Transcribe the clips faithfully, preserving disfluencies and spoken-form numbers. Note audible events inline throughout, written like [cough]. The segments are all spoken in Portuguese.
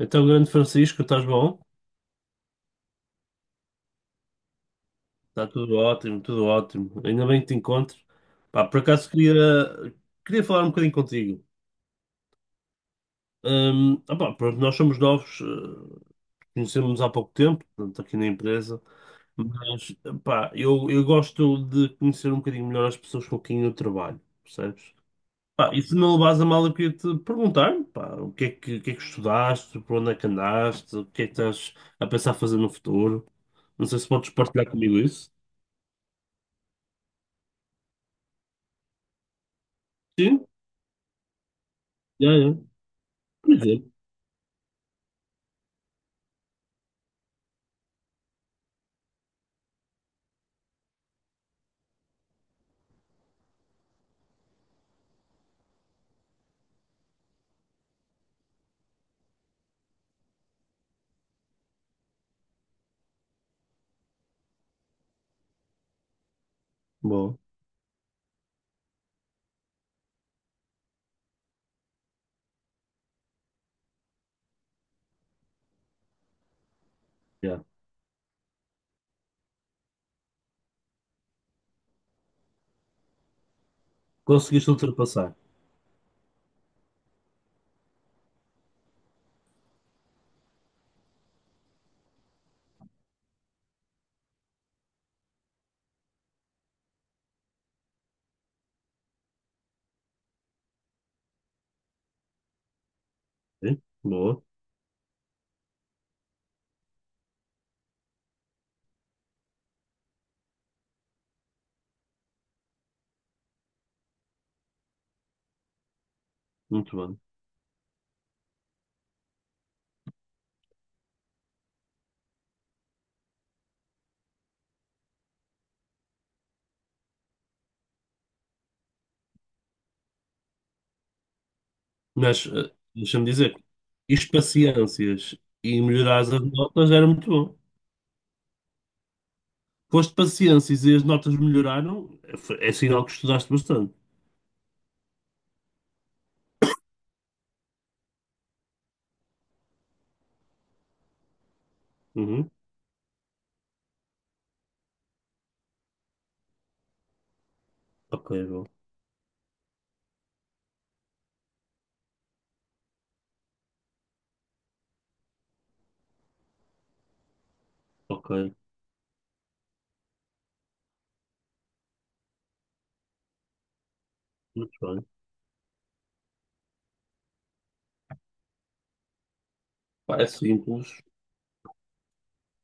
Então, grande Francisco, estás bom? Está tudo ótimo, tudo ótimo. Ainda bem que te encontro. Pá, por acaso queria, queria falar um bocadinho contigo. Hum, opá, pronto, nós somos novos, eh, conhecemos-nos há pouco tempo, portanto, aqui na empresa, mas pá, eu, eu gosto de conhecer um bocadinho melhor as pessoas com quem eu trabalho, percebes? Pá, e se não levas a mal, eu queria te perguntar, pá, o que é que, o que é que estudaste, por onde é que andaste, o que é que estás a pensar fazer no futuro? Não sei se podes partilhar comigo isso. Sim. Já, já. Pois é. Boa. Já. Conseguiste ultrapassar. Né? Boa. Muito bem. Mas, eh, deixa-me dizer, isto paciências e melhorares as notas era muito bom. Foste paciências e as notas melhoraram, é, foi- é sinal que estudaste bastante. Uhum. Ok, bom. Ok, muito bem. Pá, é simples.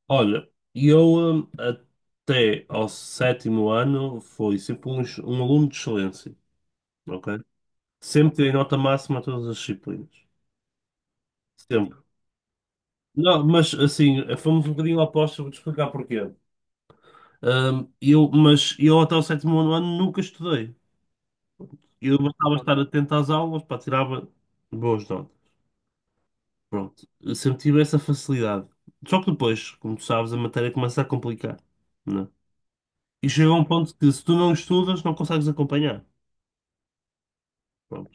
Olha, eu hum, até ao sétimo ano fui sempre um, um aluno de excelência, ok? Sempre tirei nota máxima a todas as disciplinas. Sempre. Não, mas assim, fomos um bocadinho opostos, vou-te explicar porquê. Ahm, eu, mas eu até o sétimo ano nunca estudei. Eu bastava estar atento às aulas, pá, tirava boas notas. Pronto, eu sempre tive essa facilidade. Só que depois, como tu sabes, a matéria começa a complicar, né? E chega a um ponto que se tu não estudas, não consegues acompanhar. Pronto.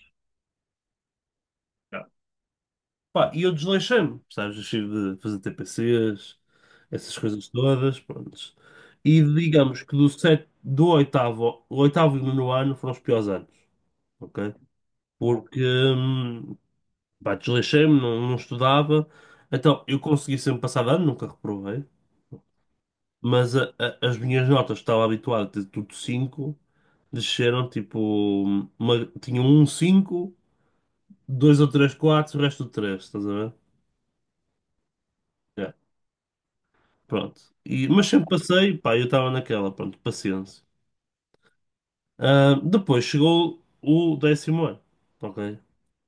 Pá, e eu desleixei-me, sabes? Deixei de fazer T P Cs, essas coisas todas, prontos. E digamos que do, set, do oitavo, o oitavo e o nono ano foram os piores anos, ok? Porque, hum, pá, desleixei-me, não, não estudava. Então, eu consegui sempre passar de ano, nunca reprovei. Mas a- a- as minhas notas, que estava habituado a ter tudo cinco, desceram tipo, uma, tinha um cinco, dois ou três quatro, o resto do três, estás a ver? Yeah. Pronto. E, mas sempre passei, pá, eu estava naquela, pronto, paciência. Ah, depois chegou o décimo ano, ok?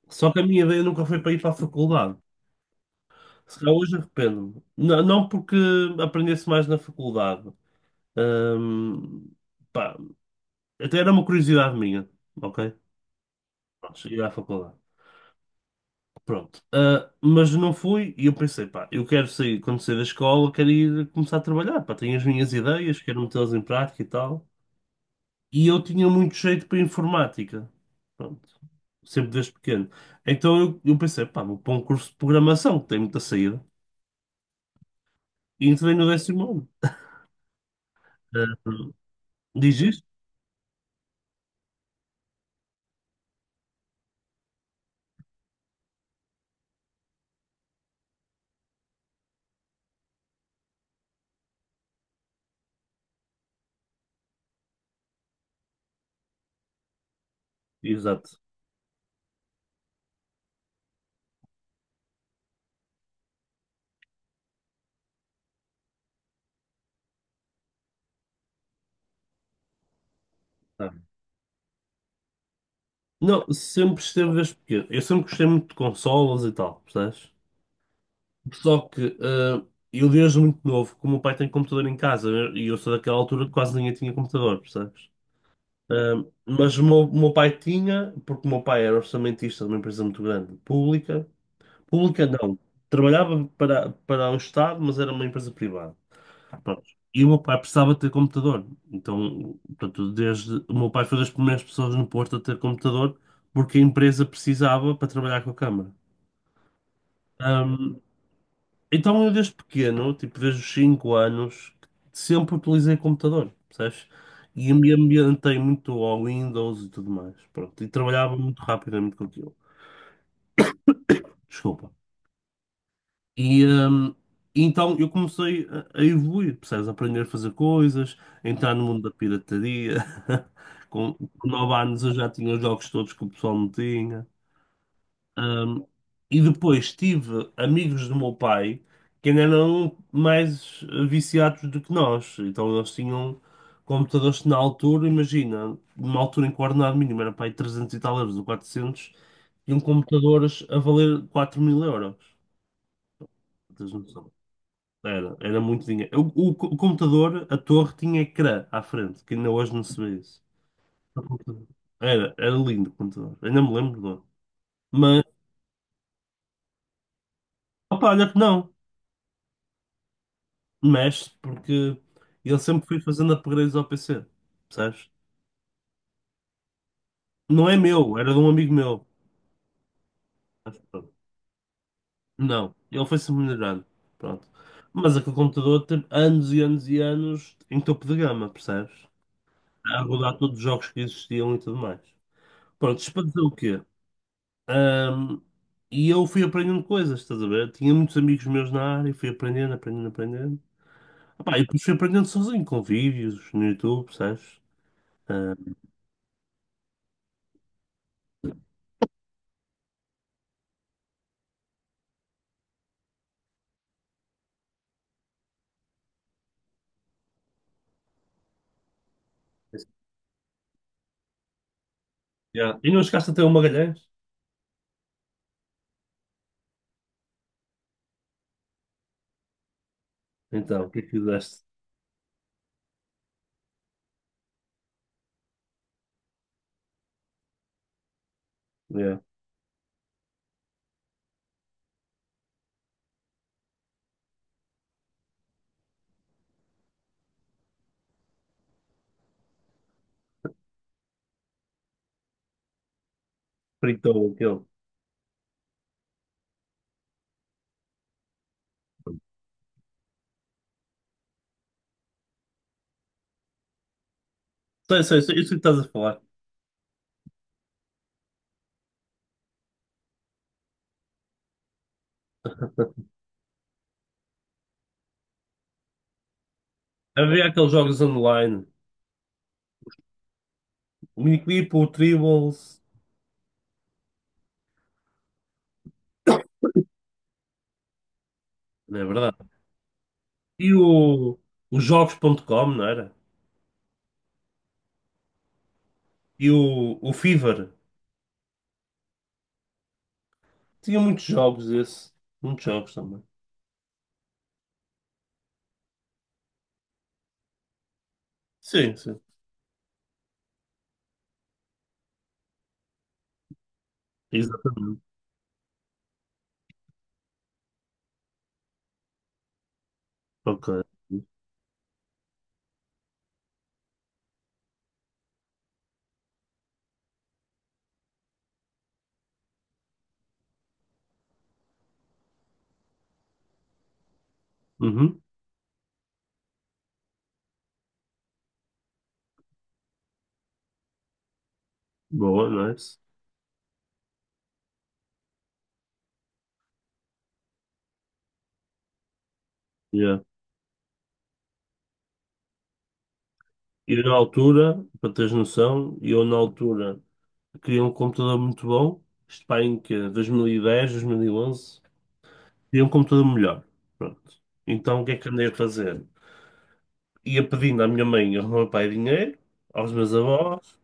Só que a minha ideia nunca foi para ir para a faculdade. Se calhar hoje arrependo-me. Não, não porque aprendesse mais na faculdade. Ahm, pá, até era uma curiosidade minha, ok? Pronto, cheguei à faculdade. Pronto. Ah, mas não fui e eu pensei, pá, eu quero sair, quando sair da escola, quero ir começar a trabalhar, pá, tenho as minhas ideias, quero metê-las em prática e tal. E eu tinha muito jeito para informática. Pronto. Sempre desde pequeno. Então eu, eu pensei, pá, vou para um curso de programação, que tem muita saída. E entrei no décimo ano. Ah, diz isto? Exato. Ah. Não, sempre esteve desde pequeno. Eu sempre gostei muito de consolas e tal, percebes? Só que ah, eu desde muito novo, como o meu pai tem computador em casa, né? E eu sou daquela altura que quase ninguém tinha computador, percebes? Ah, mas o meu, o meu pai tinha, porque o meu pai era orçamentista de uma empresa muito grande, pública. Pública não. Trabalhava para, para o Estado, mas era uma empresa privada. Pronto. E o meu pai precisava ter computador. Então, portanto, desde o meu pai foi das primeiras pessoas no Porto a ter computador, porque a empresa precisava para trabalhar com a Câmara. Ahm, então, eu desde pequeno, tipo desde os cinco anos, sempre utilizei computador, percebes? E me ambientei muito ao Windows e tudo mais. Pronto. E trabalhava muito rapidamente com aquilo. Desculpa. E, hum, e então eu comecei a, a evoluir, percebes? A aprender a fazer coisas, a entrar no mundo da pirataria. [laughs] Com, com nove anos eu já tinha os jogos todos que o pessoal não tinha. Hum, e depois tive amigos do meu pai que ainda eram mais viciados do que nós. Então eles tinham computadores que na altura, imagina, numa altura em que o ordenado mínimo era para aí trezentos e tal euros ou quatrocentos, tinham computadores a valer quatro mil euros. Tens noção? Era, era muito dinheiro. O, o o computador, a torre, tinha ecrã à frente, que ainda hoje não se vê isso. O computador. Era, era lindo o computador. Ainda me lembro do. Mas, opa, olha que não. Mexe, porque ele sempre foi fazendo upgrades ao P C. Sabes? Não é meu, era de um amigo meu. Mas pronto. Não, ele foi-se melhorando. Pronto. Mas aquele computador teve anos e anos e anos em topo de gama, percebes? A rodar todos os jogos que existiam e tudo mais. Pronto, isto para dizer o quê? Ahm, e eu fui aprendendo coisas, estás a ver? Tinha muitos amigos meus na área, e fui aprendendo, aprendendo, aprendendo. Opá, e depois fui aprendendo sozinho, com vídeos no YouTube, percebes? Ahm, yeah. E não chegaste a ter um Magalhães? Então, o que é que fizeste? Yeah. Fritou aquele. Sei, sei, sei, isso que estás a falar. Havia aqueles jogos online, o Miniclip, o Tribbles, não é verdade? E o, o jogos ponto com não era? E o, o Fever. Tinha muitos jogos esse. Muitos jogos também. Sim, sim. Exatamente. Ok. Uhum. Boa, nice. Yeah. E eu, na altura, para teres noção, eu na altura queria um computador muito bom, isto pá, em que dois mil e dez, dois mil e onze queria um computador melhor. Pronto. Então o que é que andei a fazer? Ia pedindo à minha mãe e ao meu pai dinheiro, aos meus avós,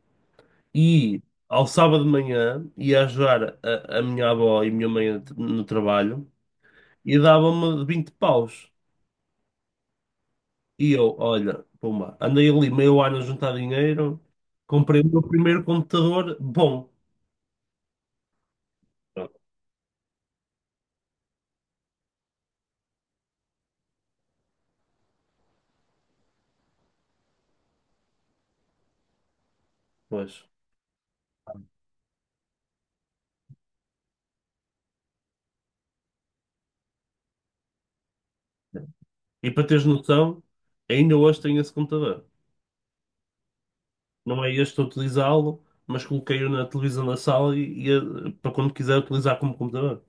e ao sábado de manhã ia ajudar a, a minha avó e a minha mãe no trabalho e dava-me vinte paus. E eu, olha, pumba, andei ali meio ano a juntar dinheiro, comprei o meu primeiro computador bom. Pronto. Pois. E para teres noção, ainda hoje tenho esse computador. Não é este a utilizá-lo, mas coloquei-o na televisão da sala e, e, eh, para quando quiser utilizar como computador.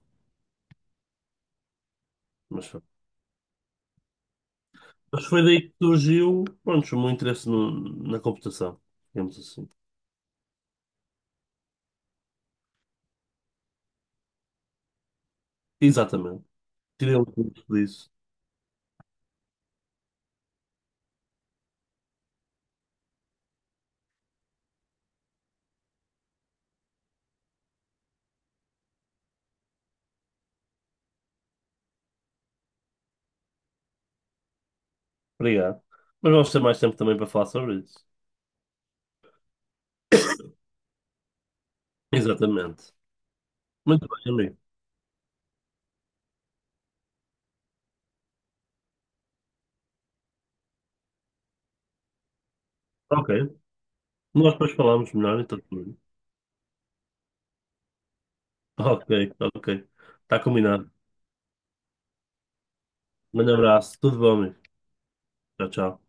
Mas, foi- mas foi daí que surgiu, pronto, o meu interesse no- na computação, digamos assim. Exatamente. Tirei um curso disso. Obrigado. Mas vamos ter mais tempo também para falar sobre isso. Exatamente. Muito bem, amigo. Ok. Nós depois falamos melhor, então. Tudo bem. Ok, ok. Está combinado. Um grande abraço. Tudo bom, amigo. Tchau, tchau.